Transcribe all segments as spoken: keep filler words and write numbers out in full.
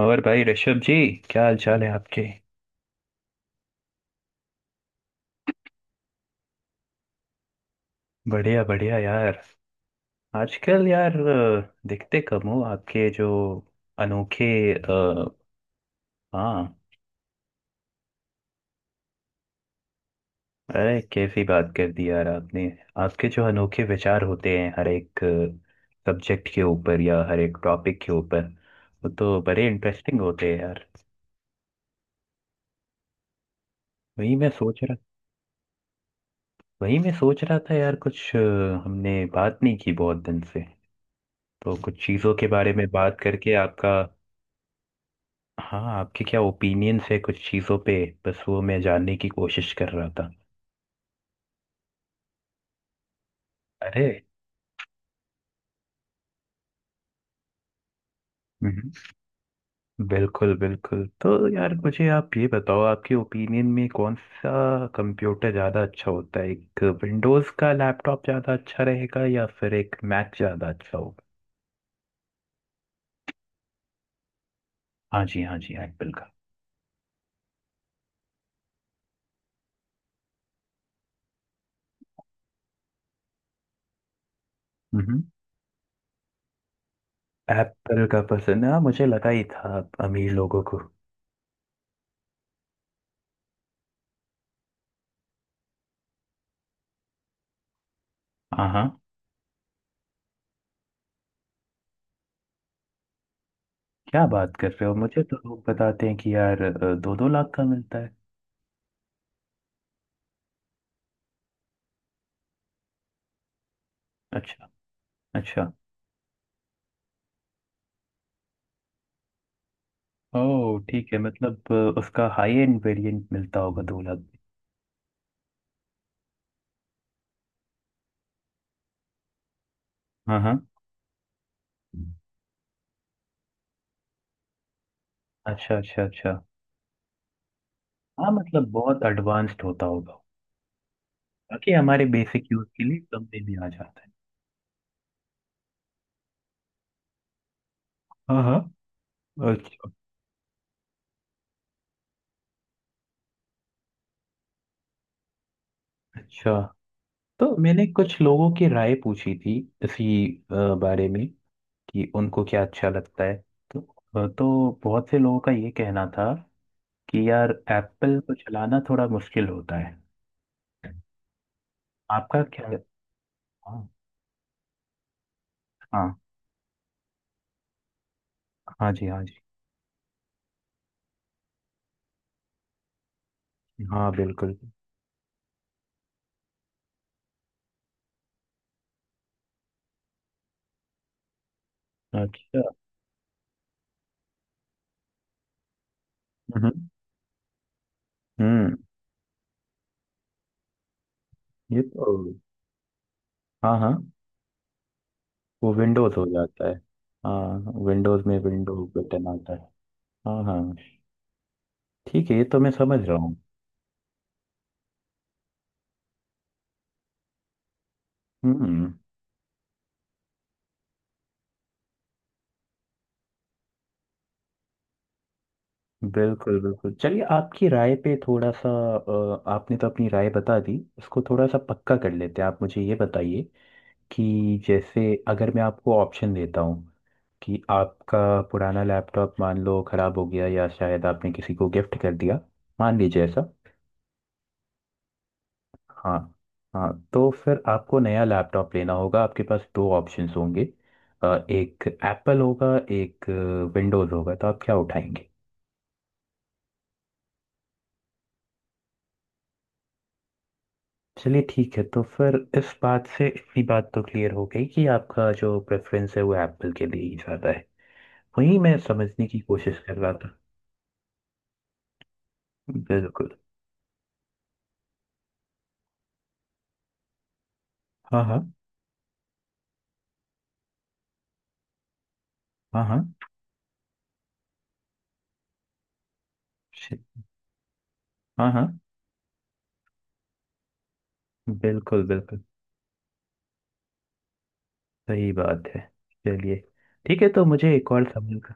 और भाई ऋषभ जी, क्या हाल चाल है आपके? बढ़िया बढ़िया यार। आजकल यार अ, दिखते कम हो आपके जो अनोखे अ, हाँ। अरे कैसी बात कर दी यार आपने। आपके जो अनोखे विचार होते हैं हर एक सब्जेक्ट के ऊपर या हर एक टॉपिक के ऊपर, वो तो बड़े इंटरेस्टिंग होते हैं यार। वही मैं सोच रहा वही मैं सोच रहा था यार कुछ अ, हमने बात नहीं की बहुत दिन से, तो कुछ चीज़ों के बारे में बात करके आपका। हाँ, आपके क्या ओपिनियंस है कुछ चीज़ों पे, बस वो मैं जानने की कोशिश कर रहा था। अरे, हम्म। बिल्कुल बिल्कुल। तो यार मुझे आप ये बताओ, आपके ओपिनियन में कौन सा कंप्यूटर ज़्यादा अच्छा होता है, एक विंडोज़ का लैपटॉप ज़्यादा अच्छा रहेगा या फिर एक मैक ज़्यादा अच्छा होगा? हाँ जी हाँ जी, एप्पल का। हम्म। एप्पल का पसंद है हाँ, मुझे लगा ही था आप अमीर लोगों को। हाँ हाँ। क्या बात कर रहे हो, मुझे तो लोग बताते हैं कि यार दो दो लाख का मिलता है। अच्छा। अच्छा, ओह ठीक है, मतलब अ, उसका हाई एंड वेरिएंट मिलता होगा दो लाख में। हाँ हाँ। अच्छा अच्छा अच्छा। हाँ मतलब बहुत एडवांस्ड होता होगा। बाकी हमारे बेसिक यूज के लिए कम में भी आ जाता है। हाँ हाँ। अच्छा अच्छा। तो मैंने कुछ लोगों की राय पूछी थी इसी अ, बारे में, कि उनको क्या अच्छा लगता है, तो अ, तो बहुत से लोगों का ये कहना था कि यार एप्पल को चलाना थोड़ा मुश्किल होता है। आपका क्या? हाँ हाँ। हाँ जी हाँ जी। हाँ बिल्कुल। अच्छा। हम्म हम्म। ये तो हाँ हाँ, वो विंडोज हो जाता है। हाँ, विंडोज में विंडो बटन आता है। हाँ हाँ। ठीक है, ये तो मैं समझ रहा हूँ। हम्म। बिल्कुल बिल्कुल। चलिए, आपकी राय पे थोड़ा सा अ, आपने तो अपनी राय बता दी, इसको थोड़ा सा पक्का कर लेते हैं। आप मुझे ये बताइए, कि जैसे अगर मैं आपको ऑप्शन देता हूँ कि आपका पुराना लैपटॉप मान लो खराब हो गया, या शायद आपने किसी को गिफ्ट कर दिया, मान लीजिए ऐसा। हाँ हाँ। तो फिर आपको नया लैपटॉप लेना होगा, आपके पास दो ऑप्शंस होंगे, अ, एक एप्पल होगा एक विंडोज़ होगा, तो आप क्या उठाएंगे? चलिए ठीक है, तो फिर इस बात से इतनी बात तो क्लियर हो गई कि आपका जो प्रेफरेंस है वो एप्पल के लिए ही ज़्यादा है। वही मैं समझने की कोशिश कर रहा था। बिल्कुल। हाँ हाँ। हाँ हाँ। शि- हाँ हाँ। बिल्कुल बिल्कुल, सही बात है। चलिए ठीक है, तो मुझे एक और सवाल का।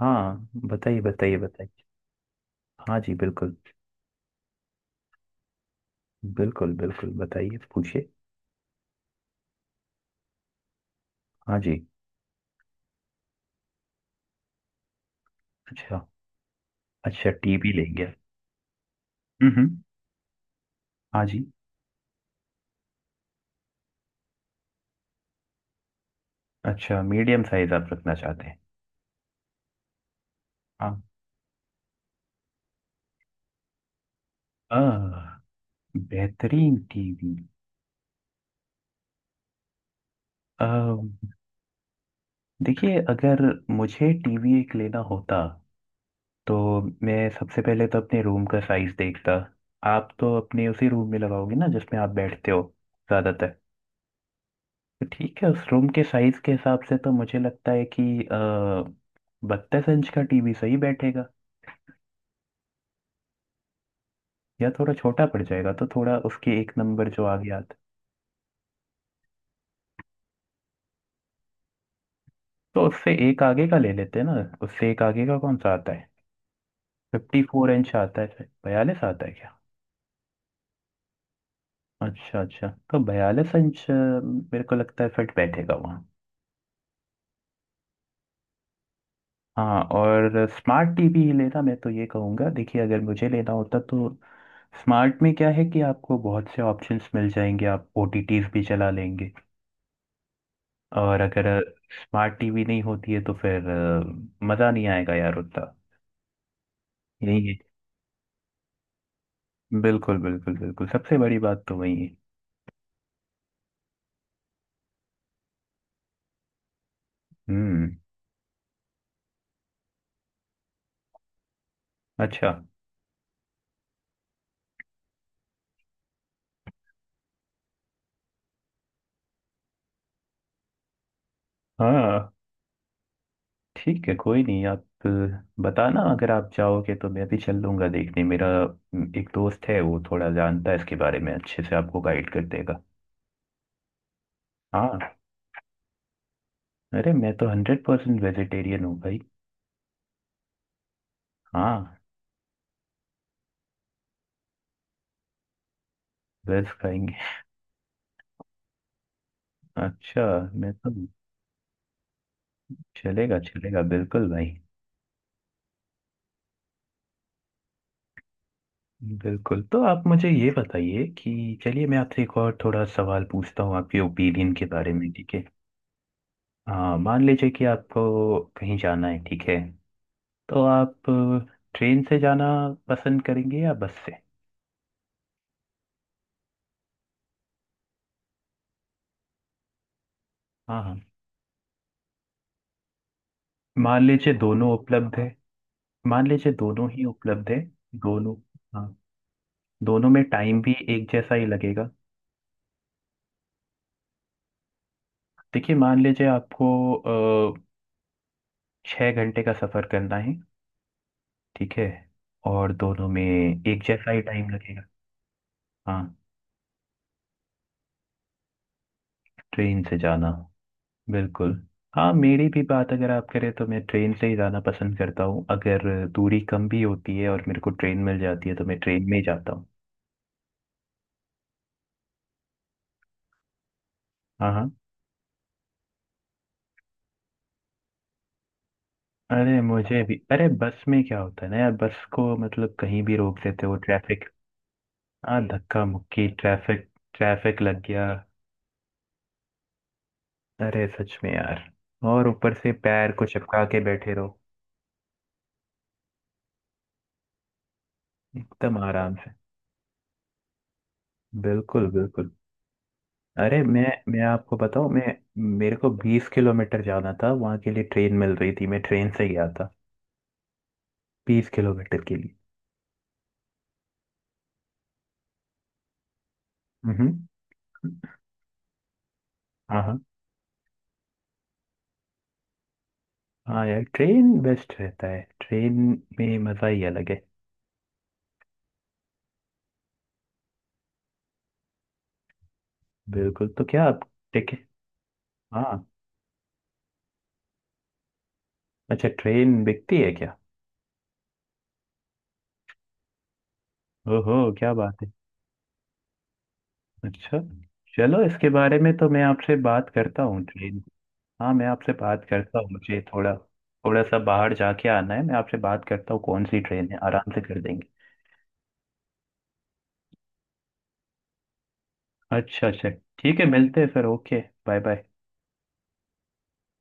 हाँ बताइए बताइए बताइए। हाँ जी बिल्कुल। बिल्कुल बिल्कुल, बताइए तो, पूछिए। हाँ जी। अच्छा, अच्छा टीवी लेंगे। हम्म। हाँ जी। अच्छा, मीडियम साइज आप रखना चाहते हैं। हाँ। आ, बेहतरीन टीवी आ, देखिए, अगर मुझे टीवी एक लेना होता तो मैं सबसे पहले तो अपने रूम का साइज देखता। आप तो अपने उसी रूम में लगाओगे ना जिसमें आप बैठते हो ज़्यादातर। तो ठीक है, उस रूम के साइज के हिसाब से तो मुझे लगता है कि बत्तीस इंच का टीवी सही बैठेगा, या थोड़ा छोटा पड़ जाएगा तो थोड़ा उसके एक नंबर जो आगे आता है, तो उससे एक आगे का ले लेते हैं ना। उससे एक आगे का कौन सा आता है, फिफ्टी फोर इंच आता है फिर बयालीस आता है क्या? अच्छा अच्छा, तो बयालीस इंच अ, मेरे को लगता है फिट बैठेगा वहाँ। हाँ, और स्मार्ट टीवी ही लेना, मैं तो ये कहूँगा, देखिए अगर मुझे लेना होता तो स्मार्ट में क्या है कि आपको बहुत से ऑप्शंस मिल जाएंगे, आप ओटीटीज भी चला लेंगे। और अगर स्मार्ट टीवी नहीं होती है तो फिर अ, मज़ा नहीं आएगा यार उतना। यही है। बिल्कुल बिल्कुल बिल्कुल, सबसे बड़ी बात तो वही है। हम्म। अच्छा। हाँ ठीक है कोई नहीं, आप बताना, अगर आप जाओगे तो मैं भी चल लूंगा देखने। मेरा हम्म, एक दोस्त है, वो थोड़ा जानता है इसके बारे में, अच्छे से आपको गाइड कर देगा। हाँ। अरे, मैं तो हंड्रेड परसेंट वेजिटेरियन हूँ भाई। हाँ। वेज खाएंगे। अच्छा। मैं तो चलेगा चलेगा बिल्कुल भाई। बिल्कुल, तो आप मुझे ये बताइए कि चलिए मैं आपसे एक और थोड़ा सवाल पूछता हूँ आपके ओपिनियन के बारे में, ठीक है। हाँ, मान लीजिए कि आपको कहीं जाना है, ठीक है, तो आप अ, ट्रेन से जाना पसंद करेंगे या बस से? हाँ हाँ, मान लीजिए दोनों उपलब्ध है, मान लीजिए दोनों ही उपलब्ध है, दोनों। हाँ। दोनों में टाइम भी एक जैसा ही लगेगा। देखिए मान लीजिए आपको अ, छः घंटे का सफ़र करना है, ठीक है, और दोनों में एक जैसा ही टाइम लगेगा। हाँ। ट्रेन से जाना, बिल्कुल। हाँ, मेरी भी बात अगर आप करें तो मैं ट्रेन से ही जाना पसंद करता हूँ, अगर दूरी कम भी होती है और मेरे को ट्रेन मिल जाती है तो मैं ट्रेन में ही जाता हूँ। हाँ हाँ। अरे, मुझे भी अरे, बस में क्या होता है ना यार, बस को मतलब कहीं भी रोक देते हो, ट्रैफिक। हाँ, धक्का मुक्की, ट्रैफिक। ट्रैफिक लग गया। अरे सच में यार। और ऊपर से पैर को चिपका के बैठे रहो। एकदम आराम से। बिल्कुल बिल्कुल। अरे मैं मैं आपको बताऊं, मैं मेरे को बीस किलोमीटर जाना था वहां के लिए, ट्रेन मिल रही थी, मैं ट्रेन से गया था, बीस किलोमीटर के लिए। हम्म। हाँ हाँ। हाँ यार, ट्रेन बेस्ट रहता है, ट्रेन में मजा ही अलग है। बिल्कुल, तो क्या आप टिकट। हाँ। अच्छा, ट्रेन बिकती है क्या? ओहो, क्या बात है। अच्छा। चलो, इसके बारे में तो मैं आपसे बात करता हूँ, ट्रेन, हाँ मैं आपसे बात करता हूँ, मुझे थोड़ा थोड़ा सा बाहर जाके आना है, मैं आपसे बात करता हूँ कौन सी ट्रेन है, आराम से कर देंगे। अच्छा अच्छा। ठीक है, मिलते हैं फिर, ओके बाय बाय।